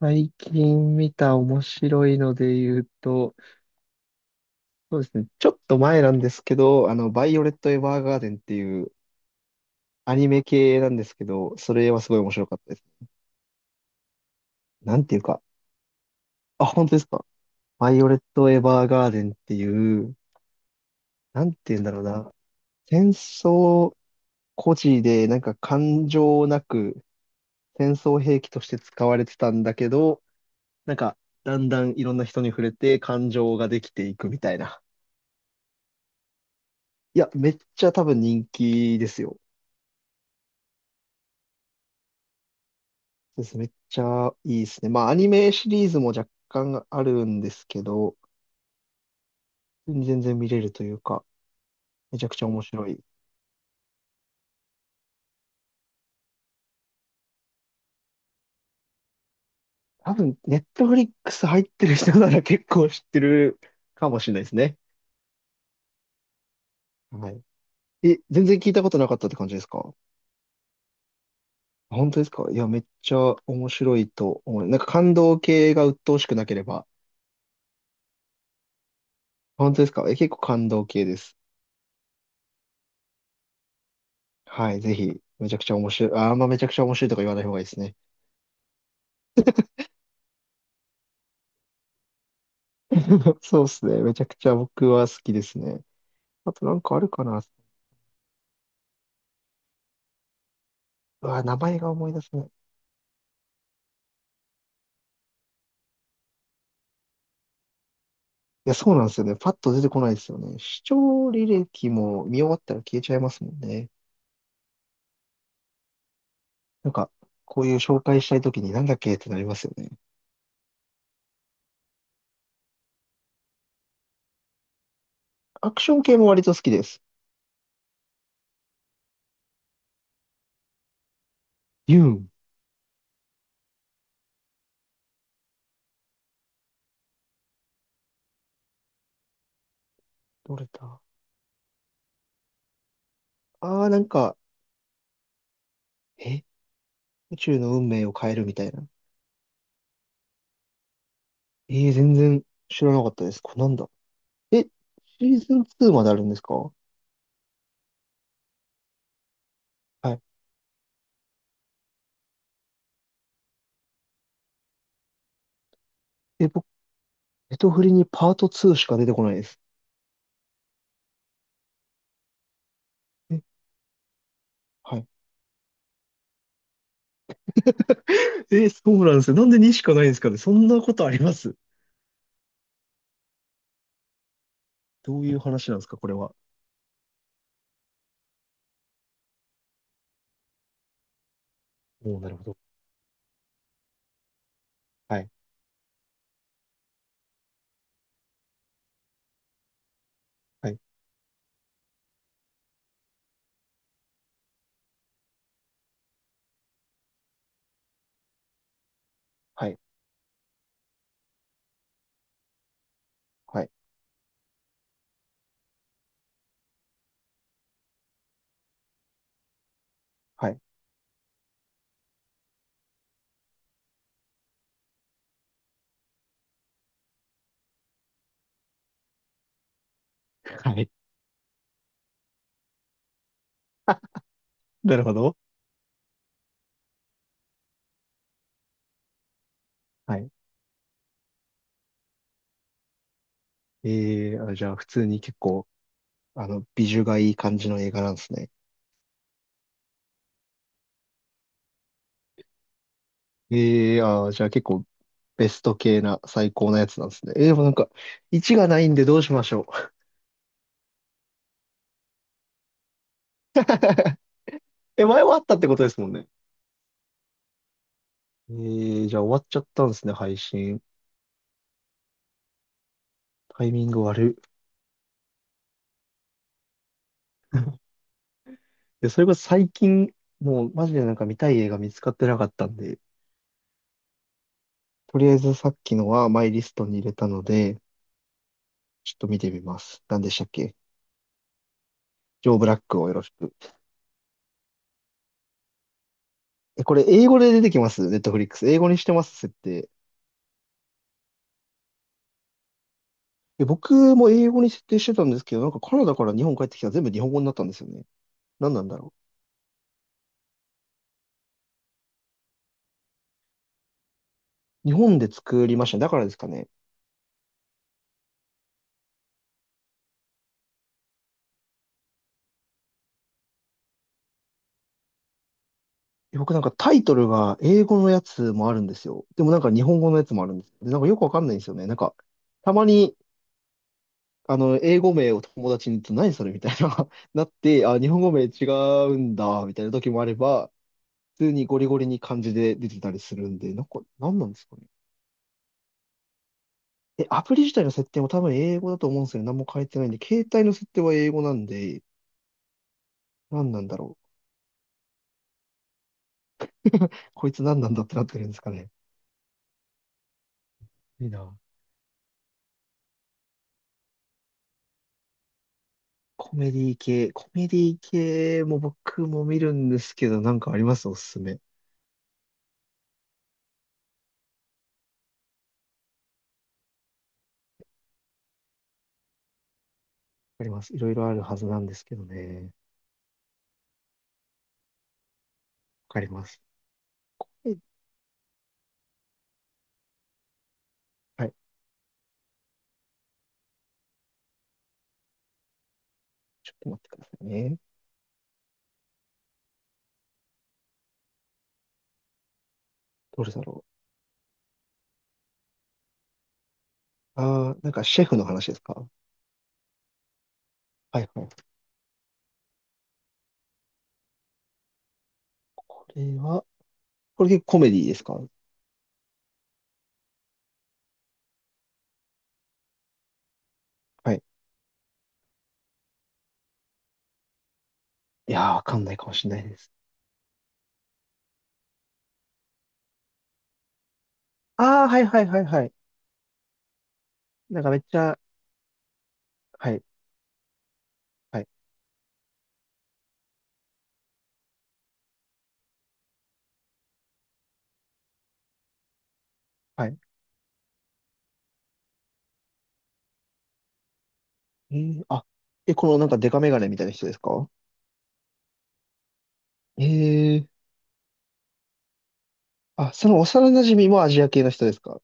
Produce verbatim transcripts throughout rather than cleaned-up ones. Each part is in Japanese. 最近見た面白いので言うと、そうですね、ちょっと前なんですけど、あの、バイオレット・エヴァーガーデンっていうアニメ系なんですけど、それはすごい面白かったですね。なんていうか、あ、本当ですか。バイオレット・エヴァーガーデンっていう、なんて言うんだろうな、戦争孤児で、なんか感情なく戦争兵器として使われてたんだけど、なんか、だんだんいろんな人に触れて感情ができていくみたいな。いや、めっちゃ多分人気ですよ。そうですね。めっちゃいいですね。まあ、アニメシリーズも若干あるんですけど、全然見れるというか、めちゃくちゃ面白い。多分、ネットフリックス入ってる人なら結構知ってるかもしれないですね。はい。え、全然聞いたことなかったって感じですか？本当ですか？いや、めっちゃ面白いと思う。なんか感動系が鬱陶しくなければ。本当ですか？え、結構感動系です。はい、ぜひ、めちゃくちゃ面白い。あ、あんまめちゃくちゃ面白いとか言わない方がいいですね。そうですね。めちゃくちゃ僕は好きですね。あとなんかあるかな。うわ、名前が思い出せない。いや、そうなんですよね。パッと出てこないですよね。視聴履歴も見終わったら消えちゃいますもんね。なんか、こういう紹介したいときになんだっけってなりますよね。アクション系も割と好きです。ユン。どれだ？ああー、なんか、え宇宙の運命を変えるみたいな。ええー、全然知らなかったです。これなんだ。え、シーズンツーまであるんですか？はい。え、僕、ネトフリにパートツーしか出てこないです。えはい。えーそうなんですよ。なんでツーしかないんですかね。そんなことあります？どういう話なんですか、これは。おー、なるほど。はい。はい。はい。はい。はい。はい。なるほど。はい。えー、あ、じゃあ普通に結構、あの、ビジュがいい感じの映画なんですね。えー、あー、じゃあ結構ベスト系な最高なやつなんですね。えー、でもなんか、ワンがないんでどうしましょう。え、前はあったってことですもんね。えー、じゃあ終わっちゃったんですね、配信。タイミング悪い。で、それこそ最近、もうマジでなんか見たい映画見つかってなかったんで、とりあえずさっきのはマイリストに入れたので、ちょっと見てみます。何でしたっけ？ジョー・ブラックをよろしく。え、これ英語で出てきます？ネットフリックス。英語にしてます、設定。え、僕も英語に設定してたんですけど、なんかカナダから日本帰ってきたら全部日本語になったんですよね。何なんだろう。日本で作りましたね。だからですかね。え僕なんかタイトルが英語のやつもあるんですよ。でもなんか日本語のやつもあるんです。で、なんかよくわかんないんですよね。なんか、たまにあの、英語名を友達に言うと何それみたいな、なって、あ、日本語名違うんだ、みたいな時もあれば、普通にゴリゴリに漢字で出てたりするんで、なんか、何なんですかね。え、アプリ自体の設定も多分英語だと思うんですけど、何も変えてないんで、携帯の設定は英語なんで、何なんだろう。こいつ何なんだってなってるんですかね。いいな。コメディ系、コメディ系も僕も見るんですけど、なんかあります？おすすめ。あります。いろいろあるはずなんですけどね。わかります。はい。はい、ちょっと待ってくださいね。どれだろう。ああ、なんかシェフの話ですか？はいはい。これは、これ結構コメディですか？はい。いやー、わかんないかもしれないです。ああ、はいはいはいはい。なんかめっちゃ、はい、はい、はい。えー、あ、え、このなんかデカメガネみたいな人ですか？ええー、あ、その幼馴染もアジア系の人ですか？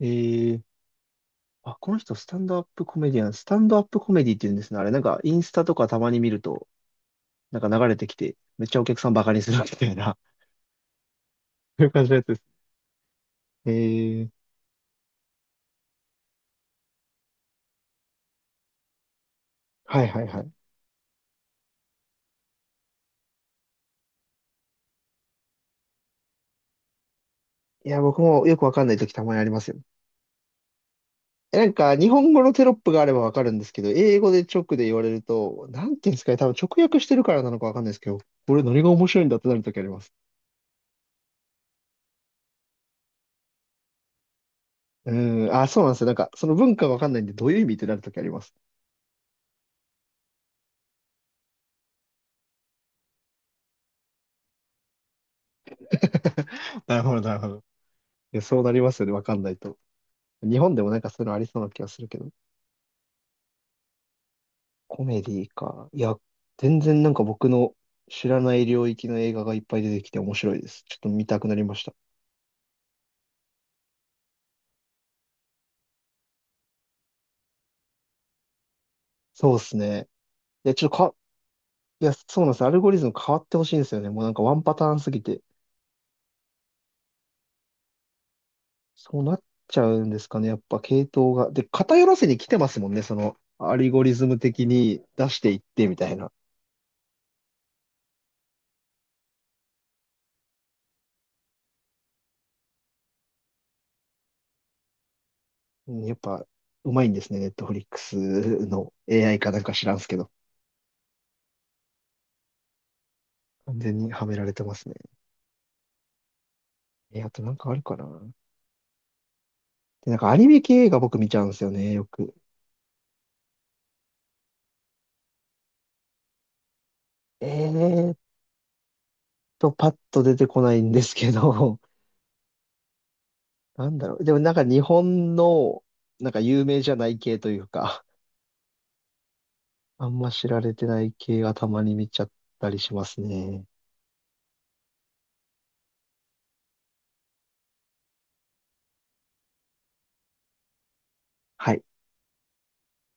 ええー、あ、この人スタンドアップコメディアン、スタンドアップコメディって言うんですね。あれ、なんかインスタとかたまに見ると、なんか流れてきて、めっちゃお客さんバカにするみたいな、そういう感じのやつです。ええー、はいはいはい。いや、僕もよくわかんない時たまにありますよ。え、なんか、日本語のテロップがあればわかるんですけど、英語で直で言われると、なんていうんですかね、多分直訳してるからなのかわかんないですけど、これ何が面白いんだってなる時あります。うん、あ、そうなんですよ。なんか、その文化わかんないんで、どういう意味ってなる時あります。なるほど、なるほど。いや、そうなりますよね、わかんないと。日本でもなんかそういうのありそうな気がするけど。コメディか。いや、全然なんか僕の知らない領域の映画がいっぱい出てきて面白いです。ちょっと見たくなりました。そうですね。で、ちょっと、いや、そうなんです。アルゴリズム変わってほしいんですよね。もうなんかワンパターンすぎて。そうなっちゃうんですかね。やっぱ系統が。で、偏らせに来てますもんね。その、アルゴリズム的に出していってみたいな。うん、やっぱうまいんですね。ネットフリックスの エーアイ かなんか知らんすけど。完全にはめられてますね。え、あとなんかあるかな。で、なんかアニメ系が僕見ちゃうんですよね。よく。えーっと、パッと出てこないんですけど。なんだろう。でもなんか日本の、なんか有名じゃない系というか。あんま知られてない系はたまに見ちゃったりしますね。はい。